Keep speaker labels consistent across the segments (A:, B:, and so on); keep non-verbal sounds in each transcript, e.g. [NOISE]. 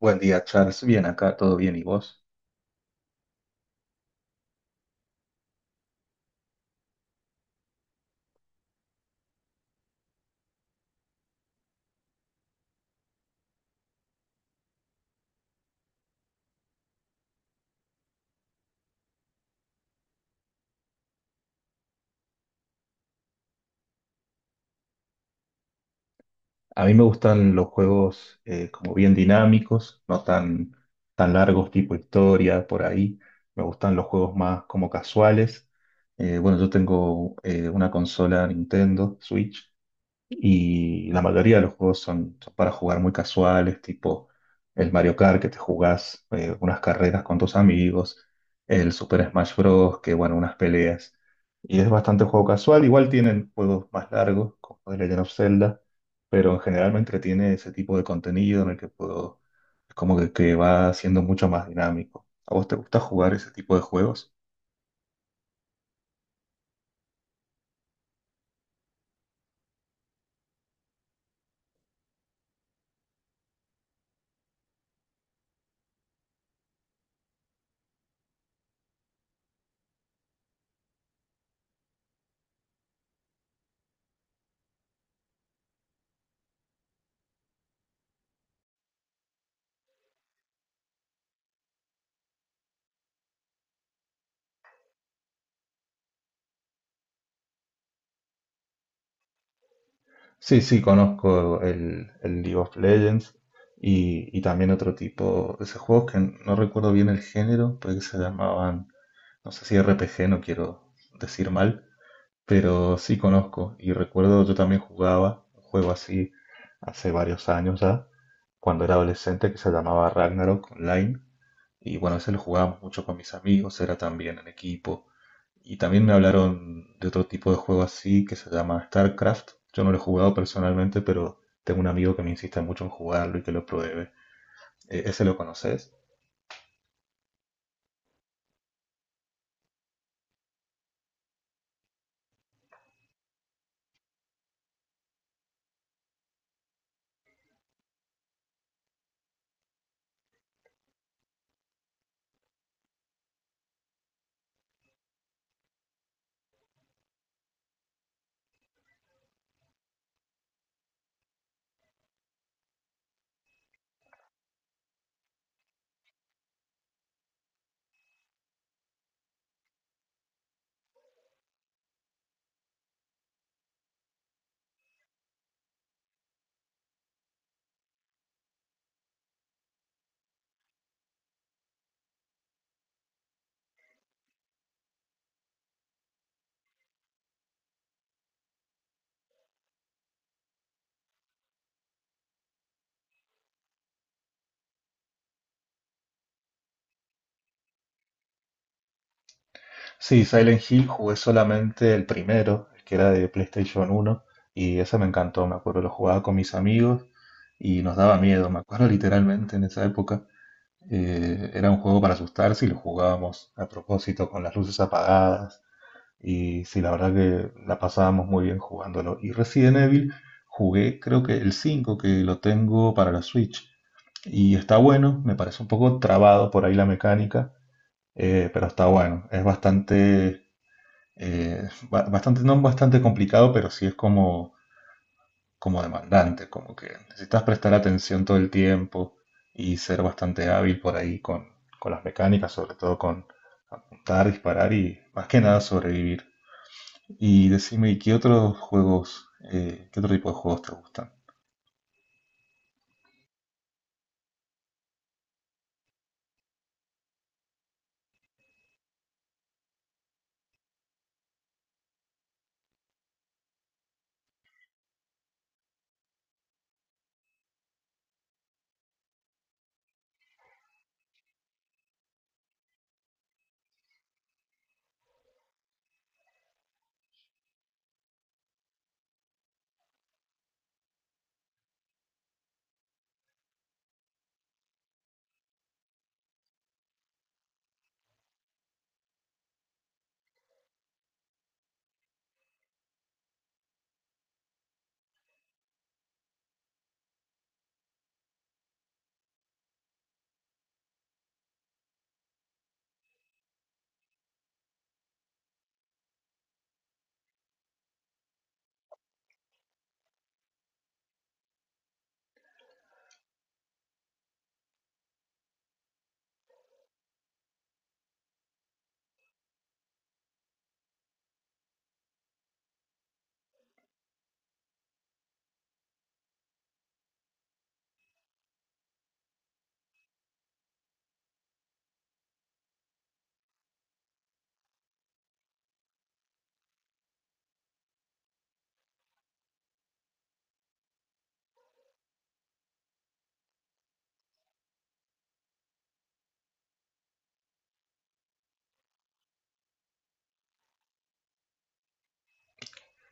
A: Buen día, Charles. Bien, acá todo bien. ¿Y vos? A mí me gustan los juegos como bien dinámicos, no tan largos, tipo historia, por ahí. Me gustan los juegos más como casuales. Bueno, yo tengo una consola Nintendo Switch. Y la mayoría de los juegos son para jugar muy casuales, tipo el Mario Kart que te jugás unas carreras con tus amigos, el Super Smash Bros. Que bueno, unas peleas. Y es bastante juego casual, igual tienen juegos más largos, como The Legend of Zelda, pero generalmente tiene ese tipo de contenido en el que puedo, es como que va siendo mucho más dinámico. ¿A vos te gusta jugar ese tipo de juegos? Sí, sí, conozco el League of Legends y también otro tipo de esos juegos que no recuerdo bien el género, puede que se llamaban, no sé si RPG, no quiero decir mal, pero sí conozco y recuerdo yo también jugaba un juego así hace varios años ya, cuando era adolescente, que se llamaba Ragnarok Online. Y bueno, a veces lo jugábamos mucho con mis amigos, era también en equipo. Y también me hablaron de otro tipo de juego así que se llama StarCraft. Yo no lo he jugado personalmente, pero tengo un amigo que me insiste mucho en jugarlo y que lo pruebe. ¿Ese lo conoces? Sí, Silent Hill jugué solamente el primero, el que era de PlayStation uno, y ese me encantó, me acuerdo, lo jugaba con mis amigos y nos daba miedo, me acuerdo literalmente en esa época. Era un juego para asustarse y lo jugábamos a propósito con las luces apagadas. Y sí, la verdad que la pasábamos muy bien jugándolo. Y Resident Evil jugué creo que el cinco, que lo tengo para la Switch. Y está bueno, me parece un poco trabado por ahí la mecánica, pero está bueno. Es bastante, bastante, no bastante complicado, pero sí es como, como demandante, como que necesitas prestar atención todo el tiempo y ser bastante hábil por ahí con las mecánicas, sobre todo con apuntar, disparar y más que nada sobrevivir. Y decime, ¿y qué otros juegos, qué otro tipo de juegos te gustan?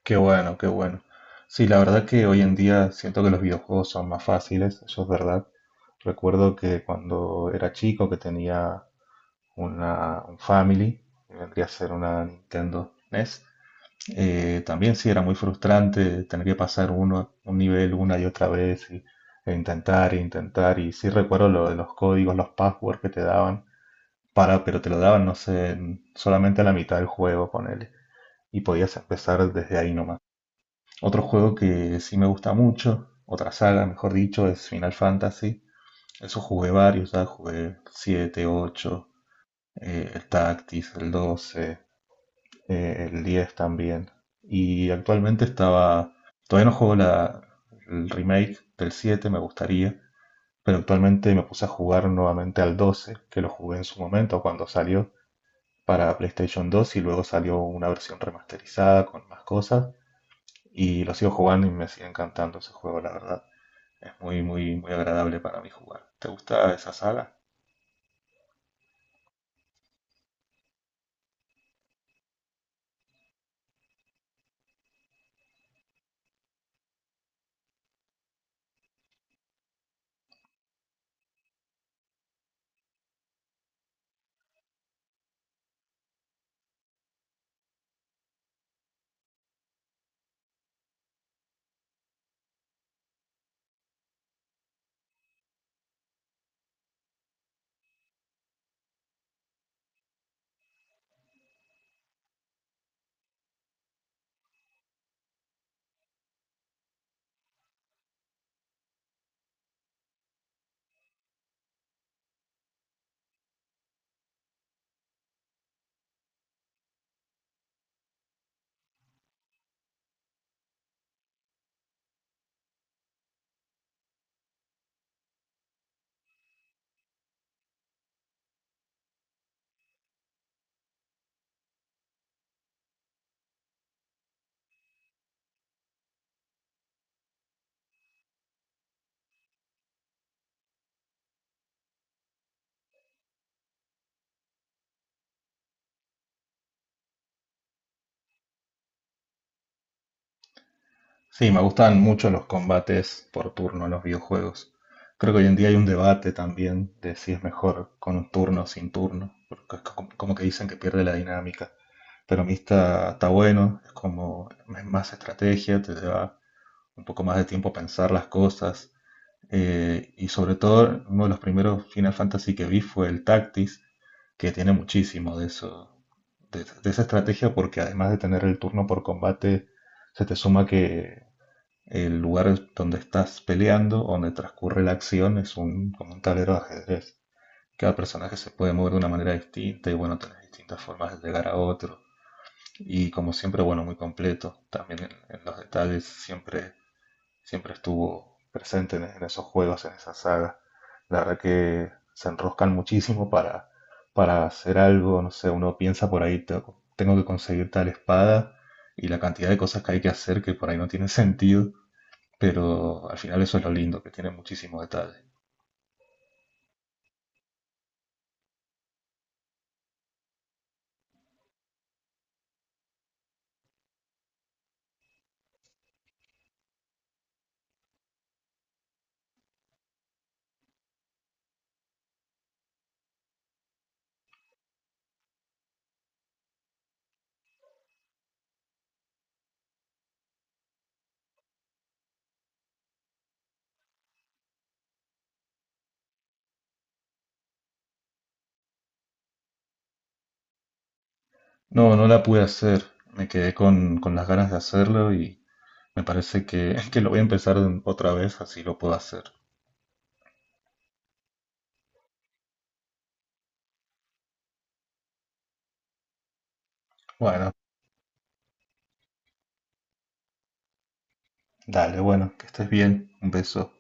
A: Qué bueno, qué bueno. Sí, la verdad que hoy en día siento que los videojuegos son más fáciles, eso es verdad. Recuerdo que cuando era chico que tenía una, un Family, que vendría a ser una Nintendo NES, también sí era muy frustrante tener que pasar uno, un nivel una y otra vez y, e intentar e intentar. Y sí recuerdo lo de los códigos, los passwords que te daban. Para, pero te lo daban, no sé, solamente a la mitad del juego, ponele. Y podías empezar desde ahí nomás. Otro juego que sí me gusta mucho, otra saga, mejor dicho, es Final Fantasy. Eso jugué varios, ya jugué 7, 8, el Tactics, el 12, el 10 también. Y actualmente estaba. Todavía no juego la, el remake del 7, me gustaría. Pero actualmente me puse a jugar nuevamente al 12, que lo jugué en su momento cuando salió, para PlayStation 2, y luego salió una versión remasterizada con más cosas y lo sigo jugando y me sigue encantando ese juego, la verdad. Es muy, muy, muy agradable para mí jugar. ¿Te gusta esa saga? Sí, me gustan mucho los combates por turno en los videojuegos. Creo que hoy en día hay un debate también de si es mejor con un turno o sin turno, porque como que dicen que pierde la dinámica. Pero a mí está bueno, es como es más estrategia, te lleva un poco más de tiempo pensar las cosas. Y sobre todo, uno de los primeros Final Fantasy que vi fue el Tactics, que tiene muchísimo de eso, de esa estrategia, porque además de tener el turno por combate, se te suma que el lugar donde estás peleando, donde transcurre la acción, es un, como un tablero de ajedrez. Cada personaje se puede mover de una manera distinta y bueno, tenés distintas formas de llegar a otro. Y como siempre, bueno, muy completo. También en los detalles siempre estuvo presente en esos juegos, en esa saga. La verdad que se enroscan muchísimo para hacer algo, no sé, uno piensa por ahí, tengo que conseguir tal espada y la cantidad de cosas que hay que hacer que por ahí no tiene [LAUGHS] sentido, pero al final eso es lo lindo, que tiene muchísimo detalle." No, no la pude hacer, me quedé con las ganas de hacerlo y me parece que, [LAUGHS] que lo voy a empezar otra vez, así lo puedo hacer. Bueno, dale, bueno, que estés bien, un beso.